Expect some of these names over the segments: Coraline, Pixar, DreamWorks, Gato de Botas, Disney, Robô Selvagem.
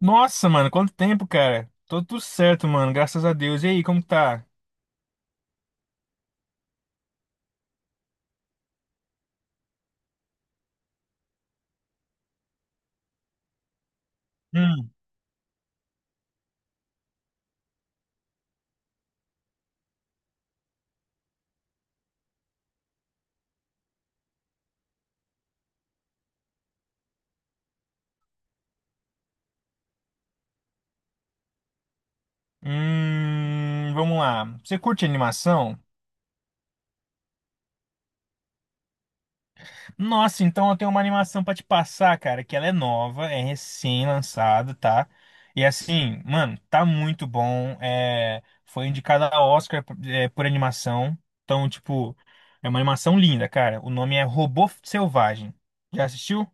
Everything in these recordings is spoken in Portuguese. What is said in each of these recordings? Nossa, mano, quanto tempo, cara? Tô tudo certo, mano, graças a Deus. E aí, como tá? Hum. Vamos lá. Você curte animação? Nossa, então eu tenho uma animação pra te passar, cara, que ela é nova, é recém-lançada, tá? E assim, mano, tá muito bom. É, foi indicada a Oscar, por animação. Então, tipo, é uma animação linda, cara. O nome é Robô Selvagem. Já assistiu?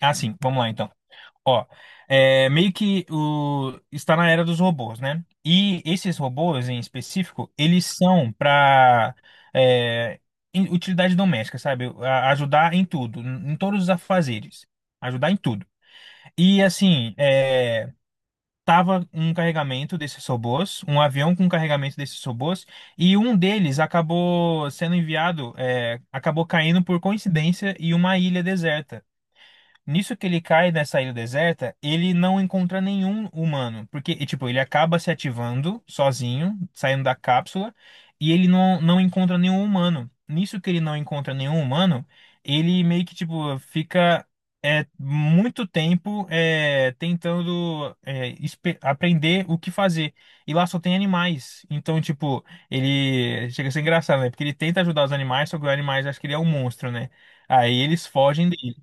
Ah, sim, vamos lá então. Ó, é, meio que está na era dos robôs, né? E esses robôs em específico, eles são para utilidade doméstica, sabe? Ajudar em tudo, em todos os afazeres, ajudar em tudo. E assim, tava um carregamento desses robôs, um avião com carregamento desses robôs, e um deles acabou sendo enviado, acabou caindo por coincidência em uma ilha deserta. Nisso que ele cai nessa ilha deserta, ele não encontra nenhum humano, porque, e, tipo, ele acaba se ativando sozinho, saindo da cápsula, e ele não encontra nenhum humano. Nisso que ele não encontra nenhum humano, ele meio que, tipo, fica muito tempo tentando aprender o que fazer. E lá só tem animais. Então, tipo, ele chega a ser engraçado, né? Porque ele tenta ajudar os animais, só que os animais acham que ele é um monstro, né? Aí eles fogem dele.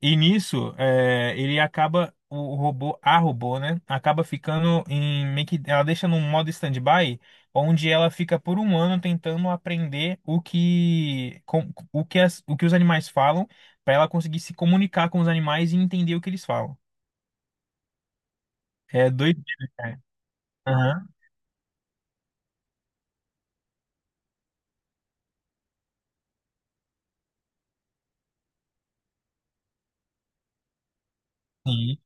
E nisso, ele acaba, o robô, a robô, né? Acaba ficando em meio que, ela deixa num modo stand-by, onde ela fica por um ano tentando aprender o que, com- o que, as- o que os animais falam, para ela conseguir se comunicar com os animais e entender o que eles falam. É doido, né, cara? Aham, sim,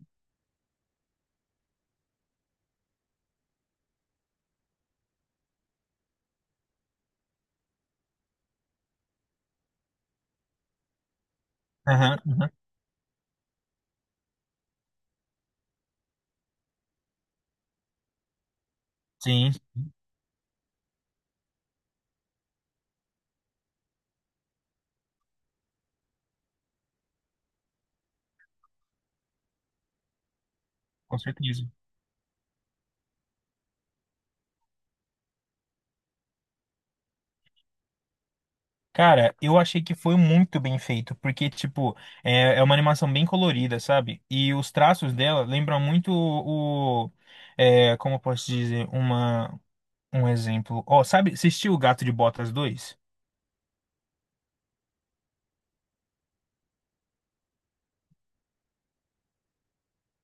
aham, aham, sim, com certeza. Cara, eu achei que foi muito bem feito, porque, tipo, é uma animação bem colorida, sabe? E os traços dela lembram muito como eu posso dizer, uma, um exemplo. Ó, sabe, assistiu o Gato de Botas dois?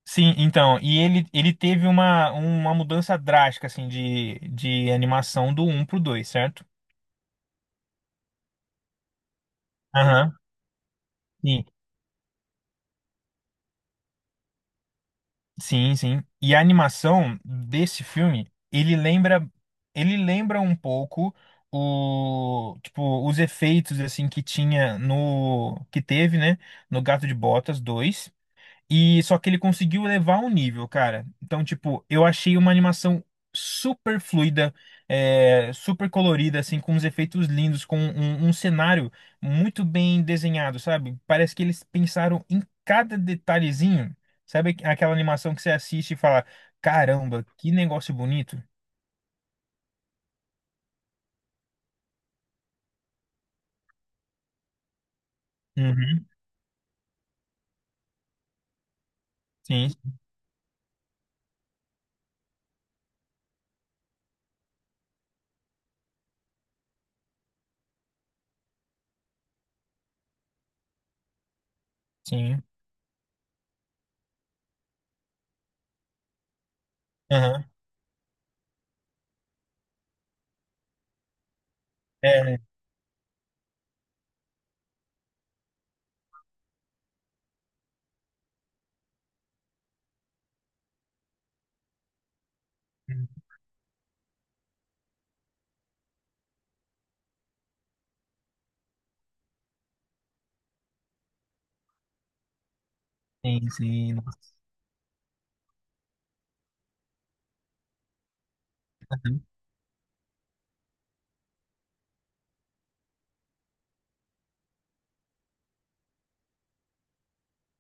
Sim, então, e ele teve uma mudança drástica, assim, de animação do 1 pro 2, certo? Aham. Sim. Sim, sim. E a animação desse filme, ele lembra um pouco o, tipo, os efeitos assim que tinha no que teve, né, no Gato de Botas dois e só que ele conseguiu levar um nível, cara. Então, tipo, eu achei uma animação super fluida, super colorida, assim, com uns efeitos lindos, com um cenário muito bem desenhado, sabe? Parece que eles pensaram em cada detalhezinho. Sabe aquela animação que você assiste e fala, caramba, que negócio bonito? Uhum, sim, sim. Aham. É, sim, sim. Nossa.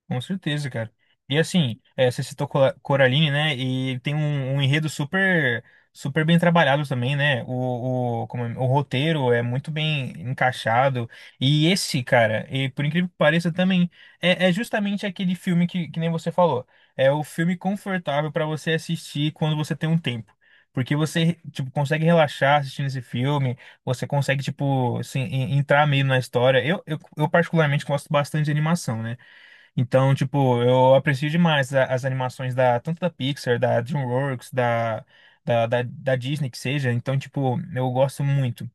Com certeza, cara. E assim, você citou Coraline, né? E tem um enredo super, super bem trabalhado também, né? O roteiro é muito bem encaixado. E esse, cara, e por incrível que pareça, também é justamente aquele filme que, nem você falou. É o filme confortável pra você assistir quando você tem um tempo. Porque você, tipo, consegue relaxar assistindo esse filme, você consegue, tipo, assim, entrar meio na história. Eu particularmente gosto bastante de animação, né? Então, tipo, eu aprecio demais as animações da tanto da Pixar, da DreamWorks, da Disney que seja. Então, tipo, eu gosto muito.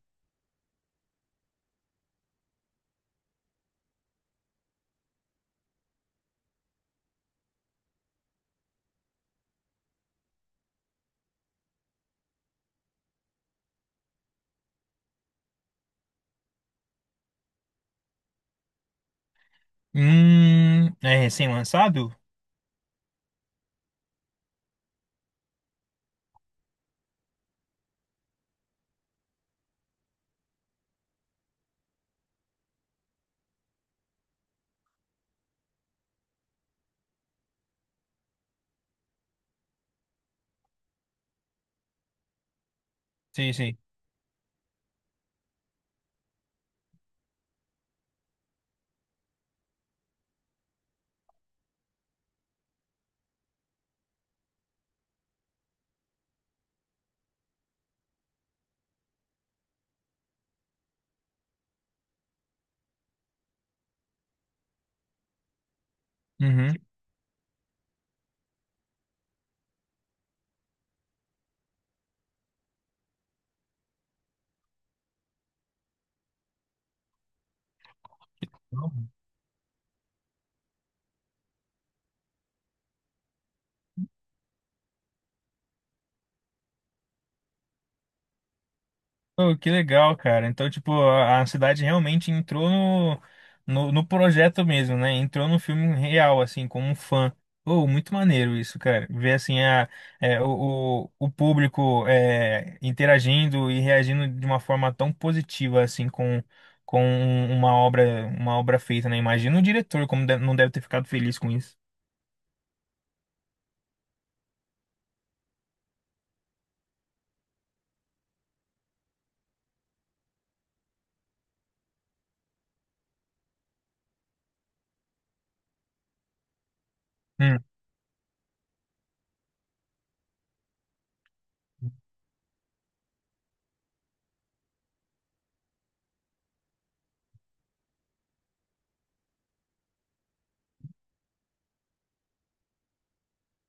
É recém-lançado? Sim, sim. Uhum. Pô, que legal, cara. Então, tipo, a cidade realmente entrou no projeto mesmo, né? Entrou no filme real, assim, como um fã. Pô, muito maneiro isso, cara. Ver, assim, a, é, o público interagindo e reagindo de uma forma tão positiva, assim, com um, uma obra feita, né? Imagina o diretor não deve ter ficado feliz com isso. Hum.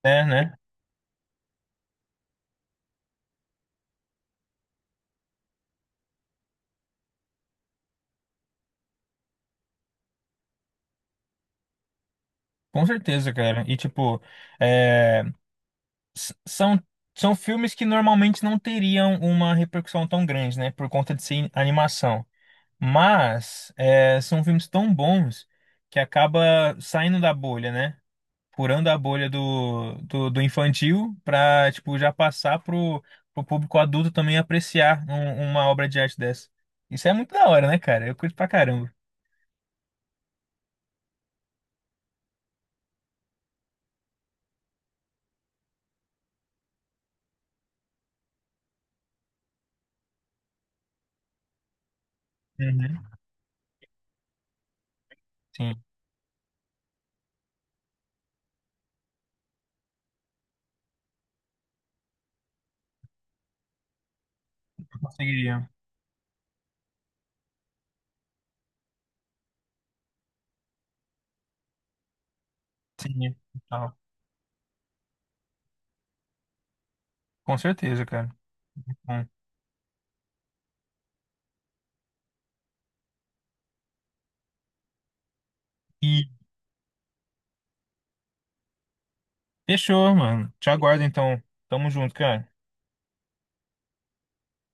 É, né? Com certeza, cara. E tipo, é, s- são, são filmes que normalmente não teriam uma repercussão tão grande, né? Por conta de ser animação. Mas são filmes tão bons que acaba saindo da bolha, né? Furando a bolha do infantil pra, tipo, já passar pro público adulto também apreciar uma obra de arte dessa. Isso é muito da hora, né, cara? Eu curto pra caramba. Uhum. Sim, eu conseguiria. Sim, total. Com certeza, cara. Bom. Fechou, mano. Te aguardo então. Tamo junto, cara.